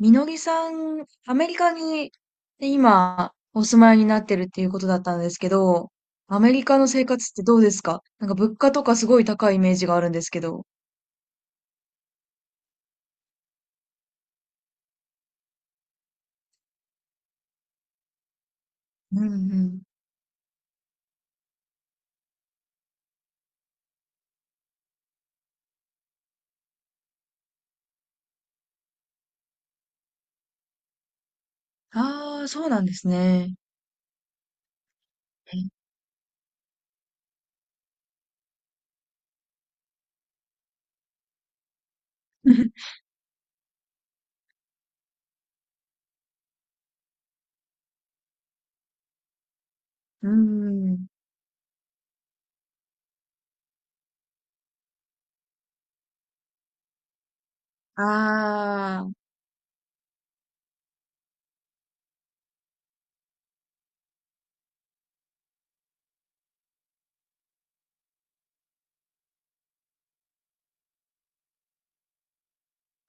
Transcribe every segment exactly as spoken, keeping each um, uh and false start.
みのりさん、アメリカに今お住まいになってるっていうことだったんですけど、アメリカの生活ってどうですか？なんか物価とかすごい高いイメージがあるんですけど。うんうん。ああ、そうなんですね。うんうん。ああ、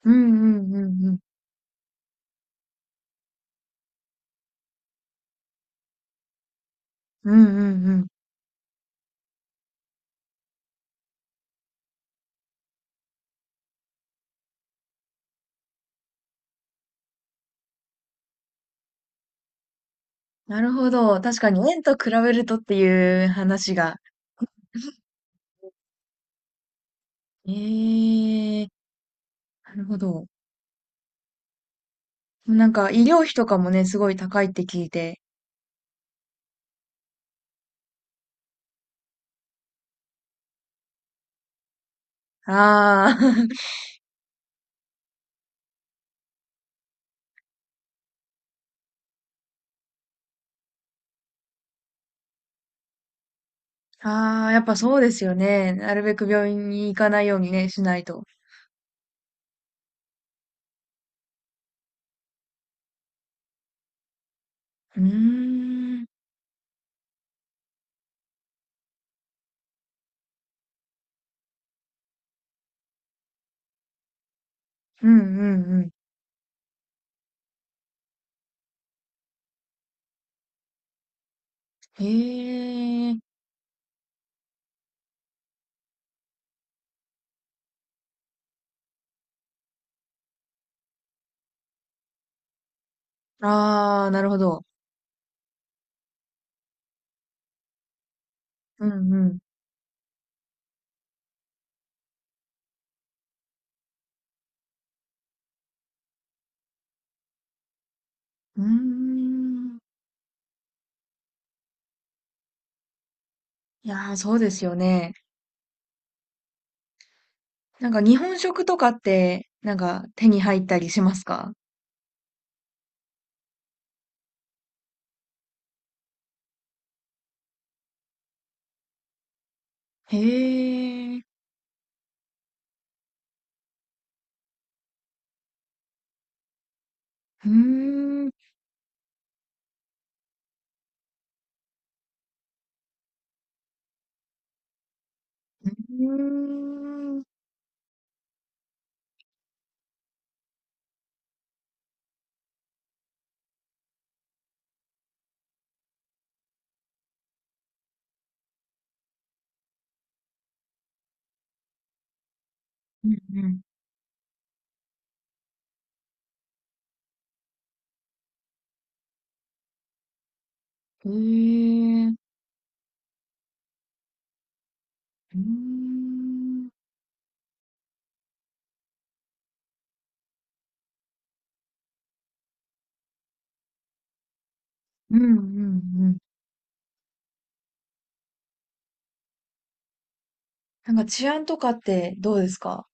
うんうんうんうん。うんうんうん。なるほど。確かに円と比べるとっていう話が。ええ、なるほど。なんか医療費とかもね、すごい高いって聞いて。ああ、ああ、やっぱそうですよね。なるべく病院に行かないようにね、しないと。うーん。うんうんうん。へえ。ああ、なるほど。うんうん。うーん。いやー、そうですよね。なんか日本食とかって、なんか手に入ったりしますか？へえ。うーん。うーん。うんうん。へえ。うーん。うんうんうん。なんか治安とかってどうですか？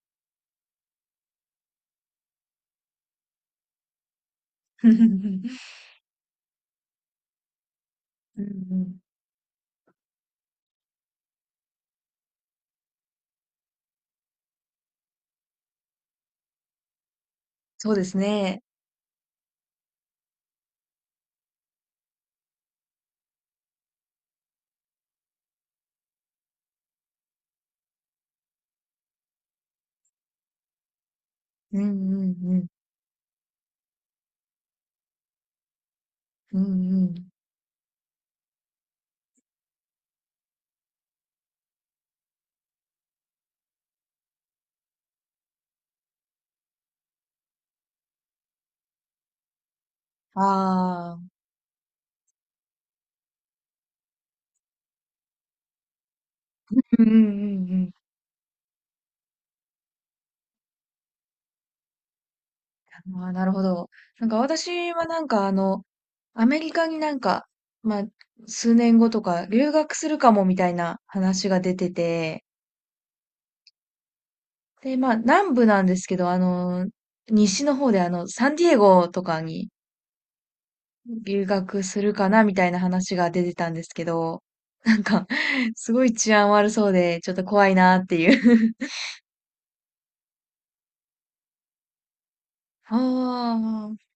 うんうん。そうですね。うんうんうん。うんうん。ああ。うんうんうんうん。ああ、なるほど。なんか私はなんかあの、アメリカになんか、まあ、数年後とか留学するかもみたいな話が出てて、で、まあ、南部なんですけど、あの、西の方であの、サンディエゴとかに留学するかなみたいな話が出てたんですけど、なんか、すごい治安悪そうで、ちょっと怖いなっていう。ああ、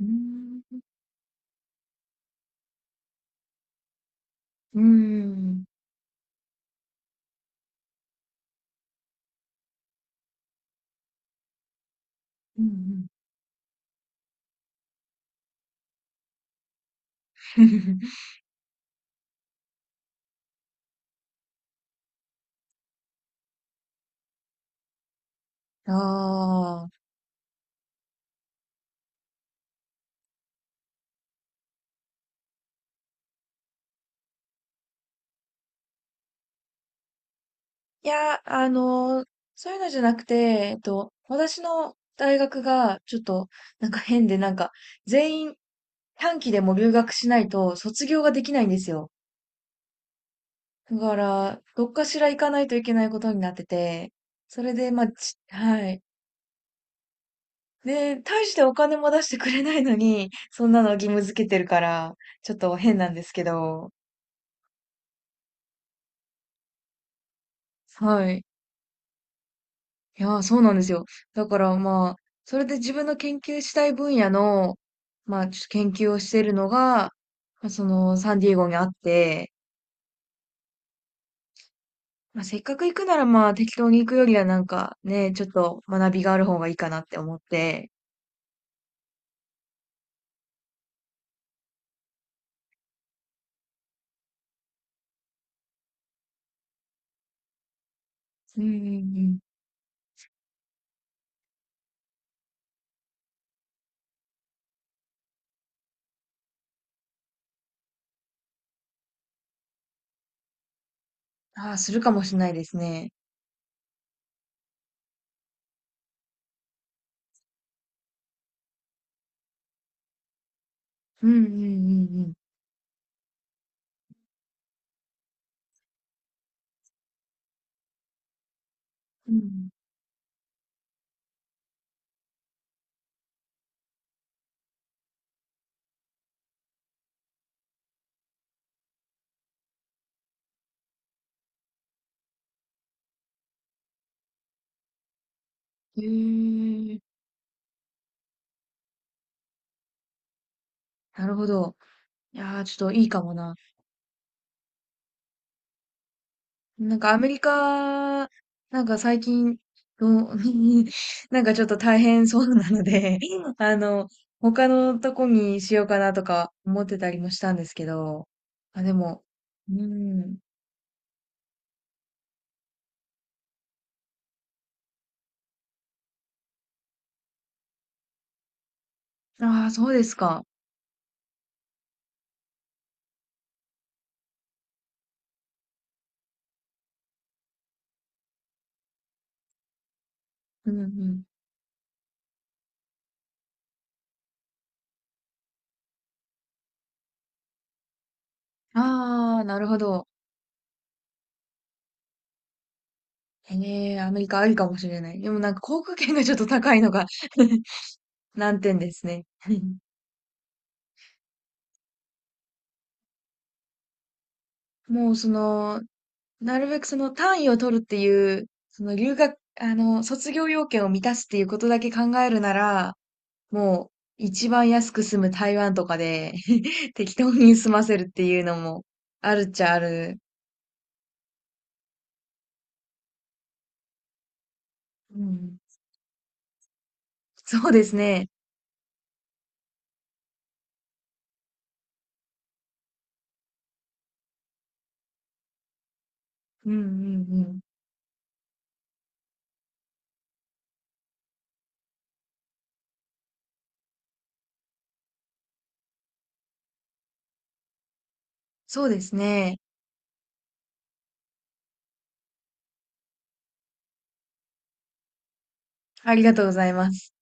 うーん。うーん。うんうん。ああ。いや、あの、そういうのじゃなくて、えっと、私の大学がちょっとなんか変で、なんか全員短期でも留学しないと卒業ができないんですよ。だから、どっかしら行かないといけないことになってて、それで、まあ、ちはい。で、大してお金も出してくれないのに、そんなの義務付けてるから、ちょっと変なんですけど、はい。いやー、そうなんですよ。だからまあ、それで自分の研究したい分野の、まあ、ちょっと研究をしているのが、まあ、その、サンディエゴにあって、まあ、せっかく行くならまあ、適当に行くよりはなんかね、ちょっと学びがある方がいいかなって思って、うんうんうん。ああ、するかもしれないですね。うんうんうんうん。うん。へえ、なるほど。いやー、ちょっといいかもな。なんかアメリカ、なんか最近の、なんかちょっと大変そうなので、あの、他のとこにしようかなとか思ってたりもしたんですけど、あ、でも、うん。ああ、そうですか。うんうん。ああ、なるほど。ええ、アメリカありかもしれない。でもなんか航空券がちょっと高いのが 難点ですね。もうその、なるべくその単位を取るっていう、その留学、あの、卒業要件を満たすっていうことだけ考えるなら、もう一番安く済む台湾とかで 適当に済ませるっていうのもあるっちゃある。うん。そうですね。うんうんうん。そうですね。ありがとうございます。